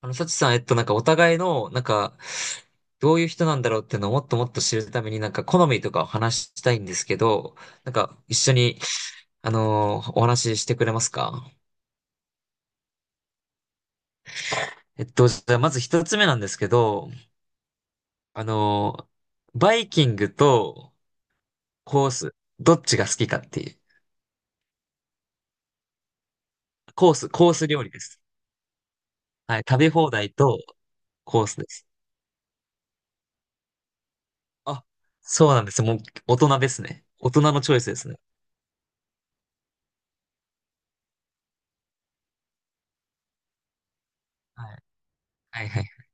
サチさん、なんかお互いの、なんか、どういう人なんだろうっていうのをもっともっと知るために、なんか好みとかを話したいんですけど、なんか一緒に、お話ししてくれますか？じゃあまず一つ目なんですけど、あのバイキングとコース、どっちが好きかっていう。コース、コース料理です。はい、食べ放題とコースです。あ、そうなんです。もう大人ですね。大人のチョイスですね。はい。はいはいはい。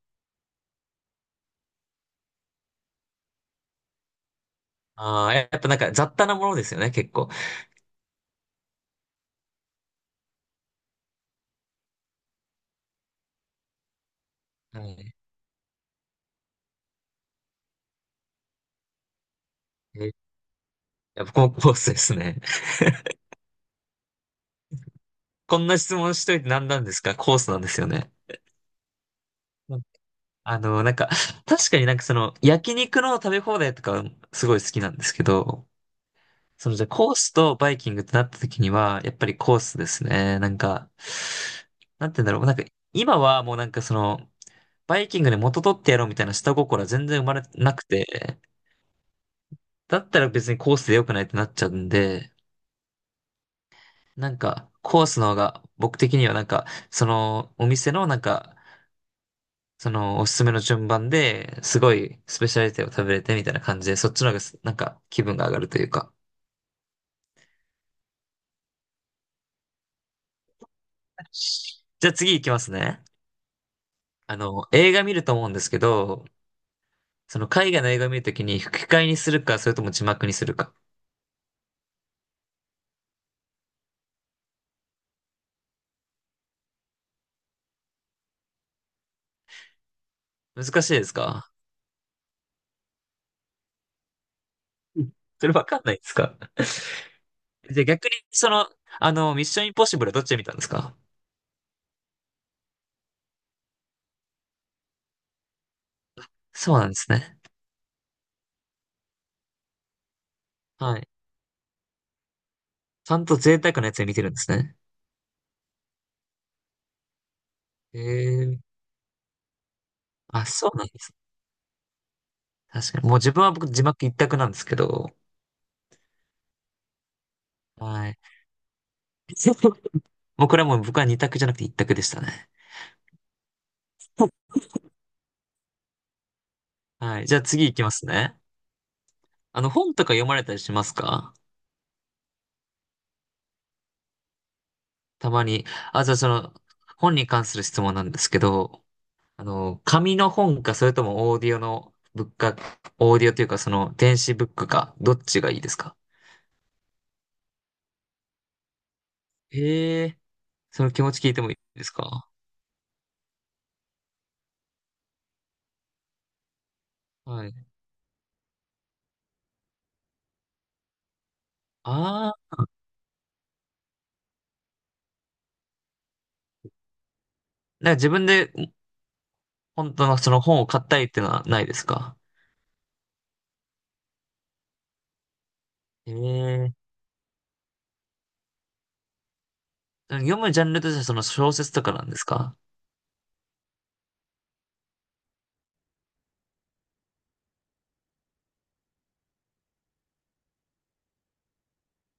ああ、やっぱなんか雑多なものですよね、結構。はい。えやっぱこのコースですね。こんな質問しといて何なんですか？コースなんですよね。うん。なんか、確かになんかその、焼肉の食べ放題とかすごい好きなんですけど、そのじゃあコースとバイキングってなった時には、やっぱりコースですね。なんか、なんて言うんだろう。なんか、今はもうなんかその、バイキングで元取ってやろうみたいな下心は全然生まれなくて、だったら別にコースで良くないってなっちゃうんで、なんか、コースの方が、僕的にはなんか、その、お店のなんか、その、おすすめの順番で、すごい、スペシャリティを食べれてみたいな感じで、そっちの方がなんか、気分が上がるというか。じゃあ次行きますね。映画見ると思うんですけど、その、海外の映画見るときに、吹き替えにするか、それとも字幕にするか。難しいですか？うん。それわかんないですか？で、逆に、その、ミッションインポッシブルはどっちで見たんですか？そうなんですね。はい。ちゃんと贅沢なやつで見てるんですね。へえ。あ、そうなんですね。確かに。もう自分は僕字幕一択なんですけど。はい。もうこれはもう僕は二択じゃなくて一択でしたね。はい。じゃあ次行きますね。本とか読まれたりしますか？たまに。あ、じゃあその、本に関する質問なんですけど、紙の本か、それともオーディオのブックか、オーディオというかその電子ブックか、どっちがいいですか？へえ、その気持ち聞いてもいいですか？はい。ああ、なんか自分で本当のその本を買ったりっていうのはないですか？へえ。読むジャンルとしてはその小説とかなんですか？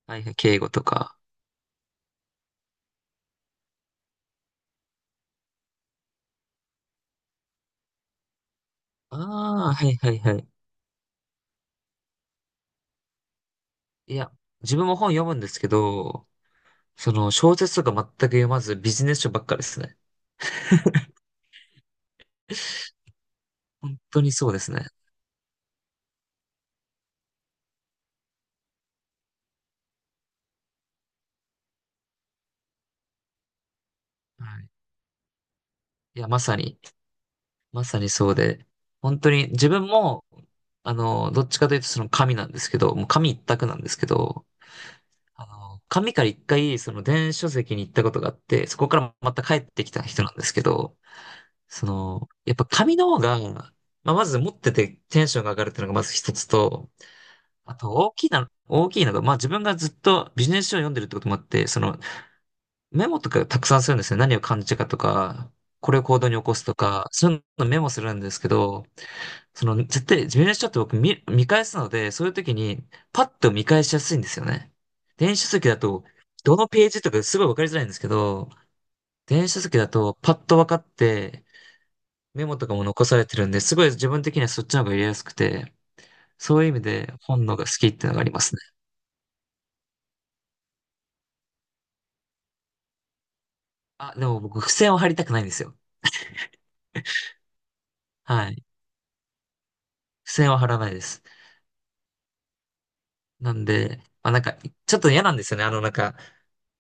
はいはい、敬語とか。ああ、はいはいはい。いや、自分も本読むんですけど、その小説とか全く読まずビジネス書ばっかですね。本当にそうですね。はい。いや、まさに、まさにそうで、本当に自分も、どっちかというとその紙なんですけど、もう紙一択なんですけど、紙から一回その電子書籍に行ったことがあって、そこからまた帰ってきた人なんですけど、その、やっぱ紙の方が、まあ、まず持っててテンションが上がるっていうのがまず一つと、あと大きいのが、まあ自分がずっとビジネス書を読んでるってこともあって、そのメモとかたくさんするんですね。何を感じたかとか、これを行動に起こすとか、そういうのメモするんですけど、その絶対ビジネス書って僕見返すので、そういう時にパッと見返しやすいんですよね。電子書籍だと、どのページとかすごいわかりづらいんですけど、電子書籍だとパッとわかって、メモとかも残されてるんで、すごい自分的にはそっちの方が入れやすくて、そういう意味で本の方が好きっていうのがありますね。あ、でも僕、付箋を貼りたくないんですよ。はい。付箋は貼らないです。なんで、まあなんか、ちょっと嫌なんですよね。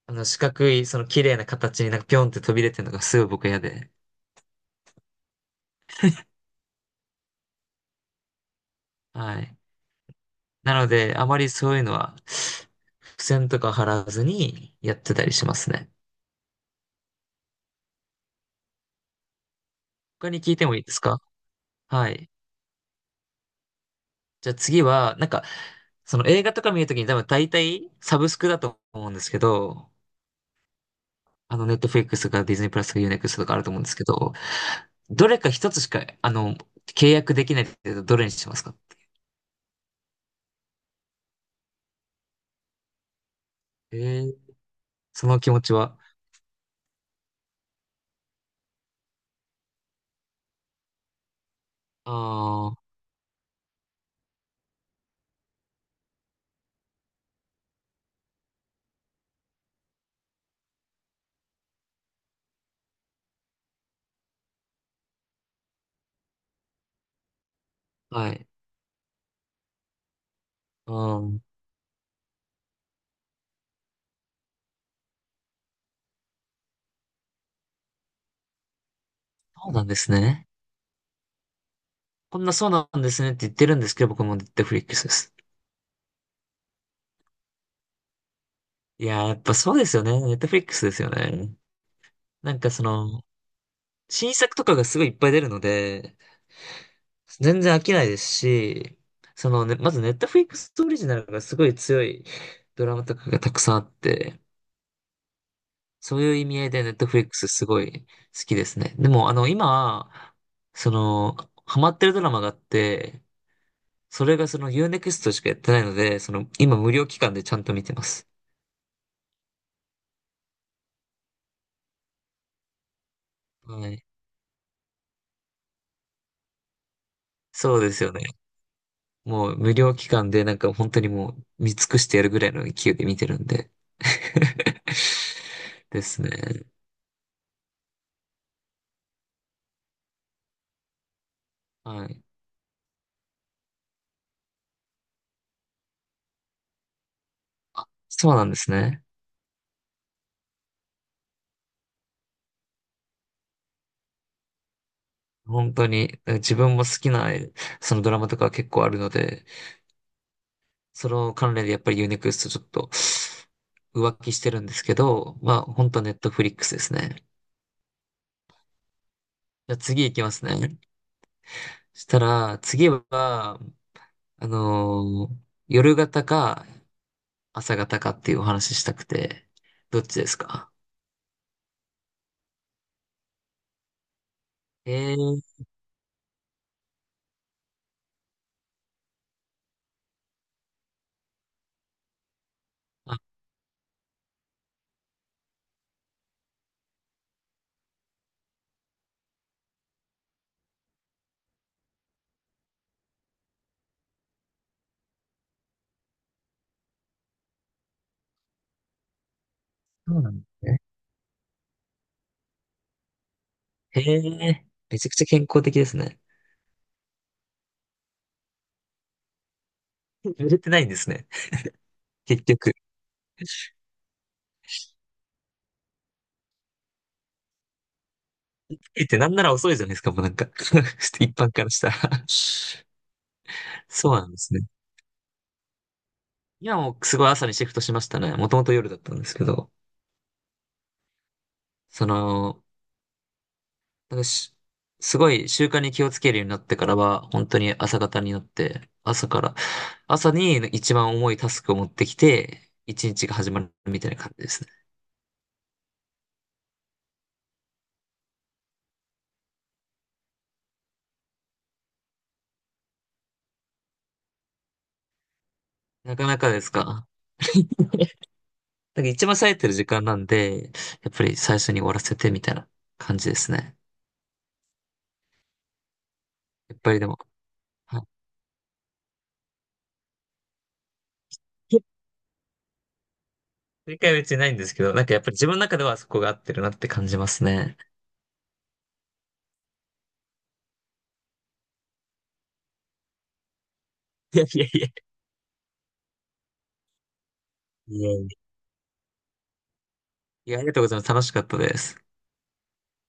あの四角い、その綺麗な形になんかピョンって飛び出てるのがすごい僕は嫌で。はい。なので、あまりそういうのは、付箋とか貼らずにやってたりしますね。他に聞いてもいいですか？はい。じゃあ次は、なんか、その映画とか見るときに多分大体サブスクだと思うんですけど、ネットフリックスとかディズニープラスとかユーネクストとかあると思うんですけど、どれか一つしか、契約できないって言うとどれにしますか？えー、その気持ちは。ああ、はい。うん。そうなんですね。こんなそうなんですねって言ってるんですけど、僕もネットフリックスです。いやー、やっぱそうですよね。ネットフリックスですよね。なんかその、新作とかがすごいいっぱい出るので、全然飽きないですし、そのね、まずネットフリックスオリジナルがすごい強いドラマとかがたくさんあって、そういう意味合いでネットフリックスすごい好きですね。でも今、そのハマってるドラマがあって、それがそのユーネクストしかやってないので、その今無料期間でちゃんと見てます。はい。そうですよね。もう無料期間でなんか本当にもう見尽くしてやるぐらいの勢いで見てるんで。ですね。はい。そうなんですね。本当に、自分も好きな、そのドラマとか結構あるので、その関連でやっぱりユーネクストちょっと浮気してるんですけど、まあ本当ネットフリックスですね。じゃあ次行きますね。そしたら、次は、夜型か朝型かっていうお話ししたくて、どっちですか？へえ、あ、そうなんですね。へえ、めちゃくちゃ健康的ですね。売れてないんですね。結局。えってなんなら遅いじゃないですか、もうなんか 一般からしたら そうなんですね。今もうすごい朝にシフトしましたね。もともと夜だったんですけど。その、なんかしすごい習慣に気をつけるようになってからは、本当に朝方になって、朝から、朝に一番重いタスクを持ってきて、一日が始まるみたいな感じですね。なかなかですか。なんか一番冴えてる時間なんで、やっぱり最初に終わらせてみたいな感じですね。やっぱりでも、はい。正解は別にないんですけど、なんかやっぱり自分の中ではそこが合ってるなって感じますね。いやいやいや。いやいや、いやありがとうございます。楽しかったです。